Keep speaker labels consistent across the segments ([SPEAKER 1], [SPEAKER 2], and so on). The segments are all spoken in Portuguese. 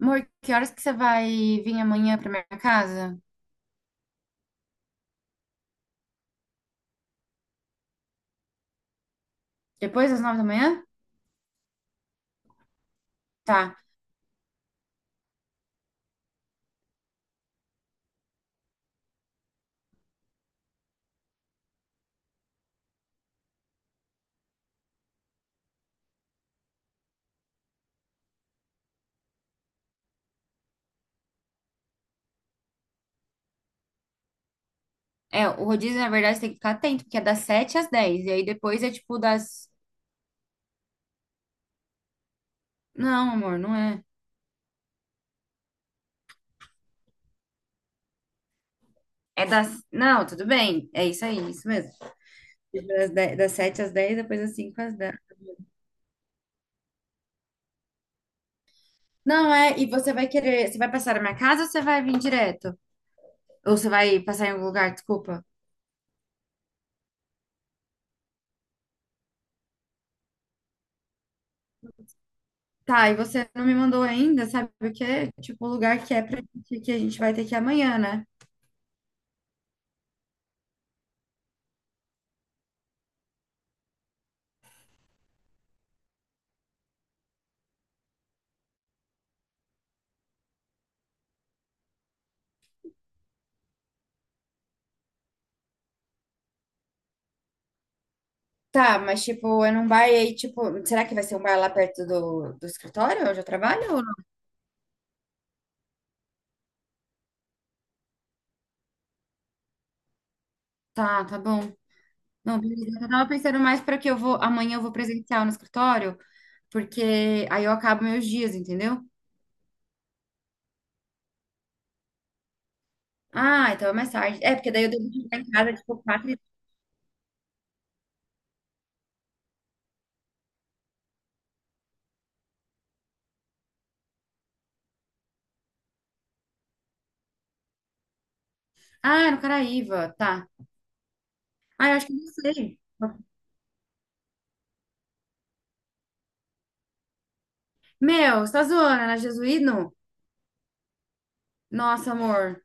[SPEAKER 1] Amor, que horas que você vai vir amanhã pra minha casa? Depois das 9 da manhã? Tá. É, o rodízio, na verdade, você tem que ficar atento, porque é das 7 às 10. E aí depois é tipo das. Não, amor, não é. É das. Não, tudo bem. É isso aí, isso mesmo. Tipo, das 7 às 10, depois das 5 às 10. Não, é. E você vai querer. Você vai passar na minha casa ou você vai vir direto? Ou você vai passar em algum lugar, desculpa. Tá, e você não me mandou ainda, sabe? Porque, tipo, o lugar que é pra gente, que a gente vai ter que ir amanhã, né? Tá, mas tipo, é num bar aí, tipo, será que vai ser um bar lá perto do escritório onde eu trabalho? Ou não? Tá, tá bom. Não, beleza. Eu tava pensando mais para que eu vou, amanhã eu vou presencial no escritório, porque aí eu acabo meus dias, entendeu? Ah, então é mais tarde. É, porque daí eu devo chegar em casa, tipo, quatro. Ah, no Caraíva, tá. Ah, eu acho que eu não sei. Meu, você tá zoando, é na Jesuíno? Nossa, amor.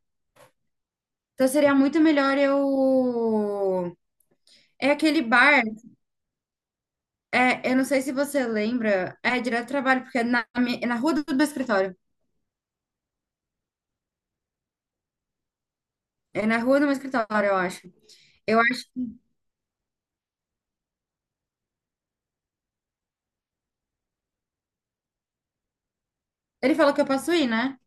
[SPEAKER 1] Então seria muito melhor eu. É aquele bar. É, eu não sei se você lembra, é direto do trabalho, porque é na rua do meu escritório. É na rua do meu escritório, eu acho. Eu acho. Ele falou que eu posso ir, né?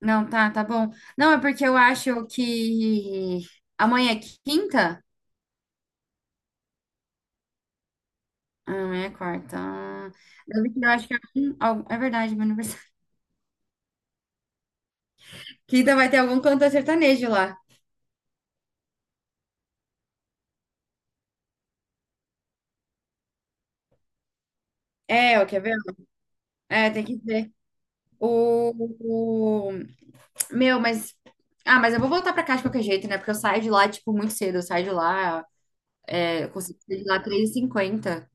[SPEAKER 1] Não, tá, tá bom. Não, é porque eu acho que amanhã é quinta? Ah, amanhã é quarta. Ah, deve que Eu acho que é, um- al- é verdade, meu aniversário. Quinta vai ter algum canto sertanejo lá. É, ó, quer ver? É, tem que ver. O, o- Meu, mas. Ah, mas eu vou voltar pra cá de qualquer jeito, né? Porque eu saio de lá, tipo, muito cedo. Eu saio de lá. É, eu consigo sair de lá 3:50.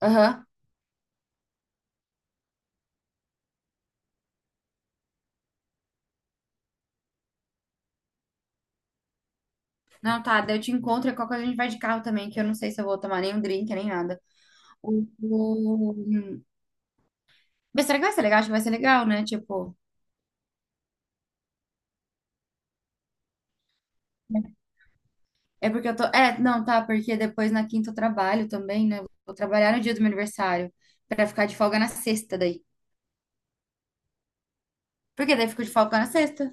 [SPEAKER 1] Aham. Não, tá, daí eu te encontro e qualquer coisa a gente vai de carro também, que eu não sei se eu vou tomar nenhum drink, nem nada. O... o- Mas será que vai ser legal? Acho que vai ser legal, né? Tipo, é porque eu tô. É, não, tá, porque depois na quinta eu trabalho também, né? Vou trabalhar no dia do meu aniversário, pra ficar de folga na sexta daí. Porque daí eu fico de folga na sexta.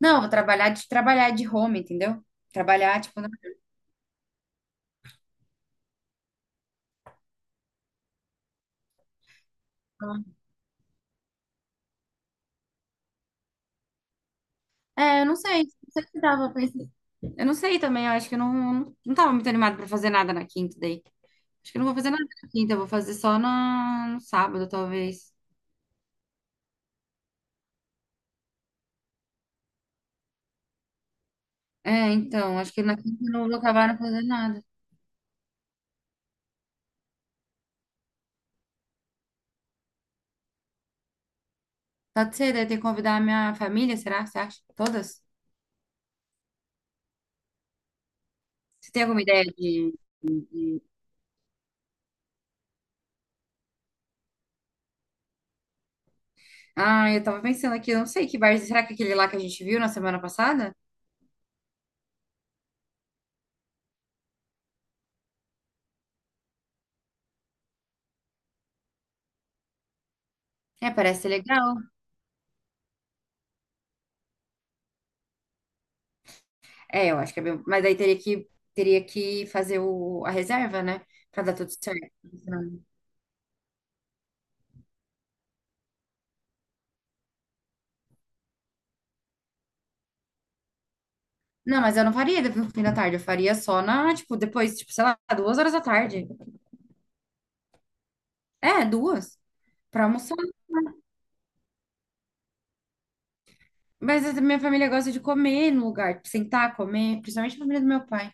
[SPEAKER 1] Não, eu vou trabalhar de home, entendeu? Trabalhar, tipo, na... É, eu não sei. Não sei se dava pra pensar. Eu não sei também, eu acho que eu não, não tava muito animada pra fazer nada na quinta daí. Acho que eu não vou fazer nada na quinta, eu vou fazer só no sábado, talvez. É, então, acho que na quinta eu não vou acabar não fazendo nada. Pode ser, daí ter que convidar a minha família, será? Você acha? Todas? Você tem alguma ideia de... Ah, eu tava pensando aqui, eu não sei que bar, será que é aquele lá que a gente viu na semana passada? É, parece ser legal. É, eu acho que é bem... Mas daí teria que fazer a reserva, né? Pra dar tudo certo. Não, mas eu não faria depois do fim da tarde. Eu faria só na, tipo, depois, tipo, sei lá, 2 horas da tarde. É, duas. Pra almoçar. Mas a minha família gosta de comer no lugar, tipo, sentar, comer, principalmente a família do meu pai.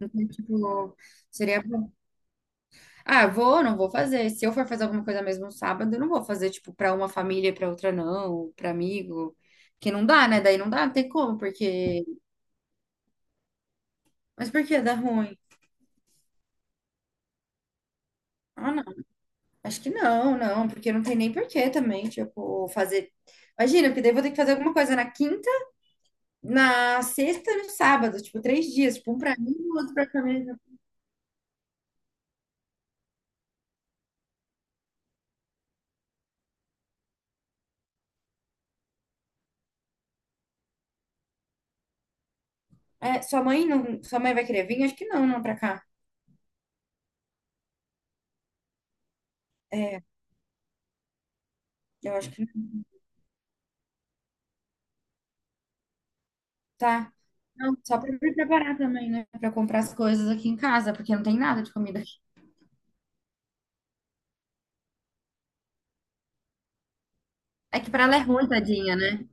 [SPEAKER 1] Então, tipo, seria bom. Ah, não vou fazer. Se eu for fazer alguma coisa mesmo no sábado, eu não vou fazer, tipo, pra uma família e pra outra não, pra amigo. Que não dá, né? Daí não dá, não tem como, porque. Mas por que dá ruim? Ah, não. Acho que não, não, porque não tem nem porquê também, tipo, fazer. Imagina, porque daí eu vou ter que fazer alguma coisa na quinta, na sexta e no sábado, tipo, três dias, tipo, um pra mim e o outro pra família. É, sua mãe não, sua mãe vai querer vir? Acho que não, não pra cá. É, eu acho que não. Tá. Não, só pra me preparar também, né? Pra comprar as coisas aqui em casa, porque não tem nada de comida aqui. É que pra ela é ruim, tadinha, né?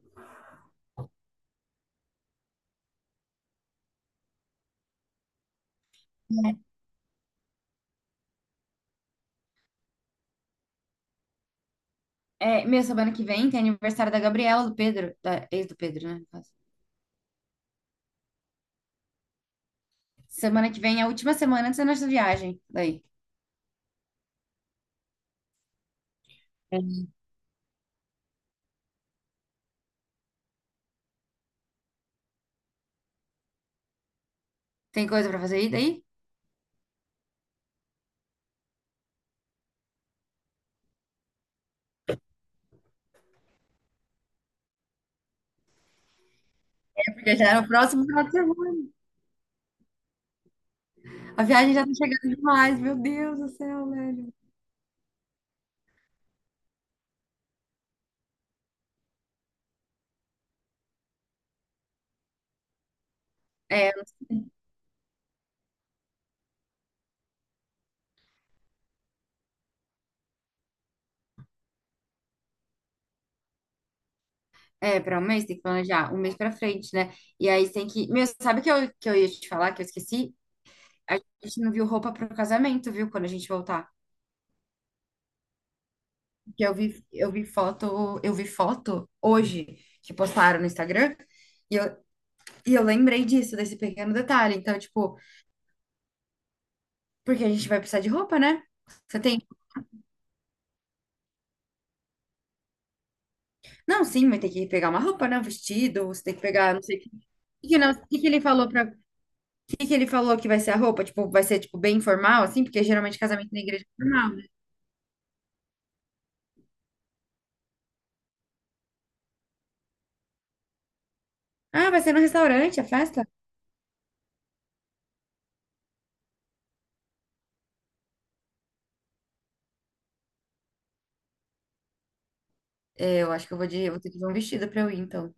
[SPEAKER 1] É, meu, semana que vem tem aniversário da Gabriela, do Pedro, da ex do Pedro, né? No caso. Semana que vem é a última semana antes da nossa viagem, daí. Tem coisa pra fazer aí daí? É, porque já era o próximo final de semana. A viagem já tá chegando demais, meu Deus do céu, velho. É, pra um mês tem que planejar, um mês pra frente, né? E aí tem que. Meu, sabe que eu ia te falar, que eu esqueci? A gente não viu roupa pro casamento, viu? Quando a gente voltar. Porque eu vi foto hoje que postaram no Instagram e eu, e eu lembrei disso, desse pequeno detalhe. Então, tipo, porque a gente vai precisar de roupa, né? Você tem. Não, sim, mas tem que pegar uma roupa, né? Um vestido, você tem que pegar, não sei o que. E que não, e que ele falou para, Que que ele falou que vai ser a roupa? Tipo, vai ser tipo bem formal assim, porque geralmente casamento na igreja é formal, né? Ah, vai ser no restaurante a festa? É, eu acho que eu vou ter que ver um vestido pra eu ir então.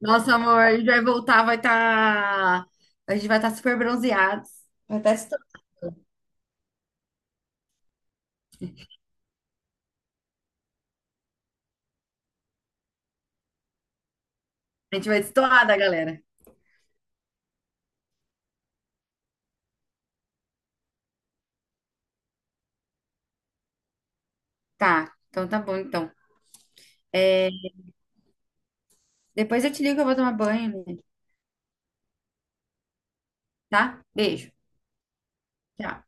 [SPEAKER 1] Nossa, amor, a gente vai voltar, a gente vai estar super bronzeados, vai estar estourado. A gente vai estourada, galera. Tá, então tá bom então. É, depois eu te ligo que eu vou tomar banho, né? Tá? Beijo. Tchau.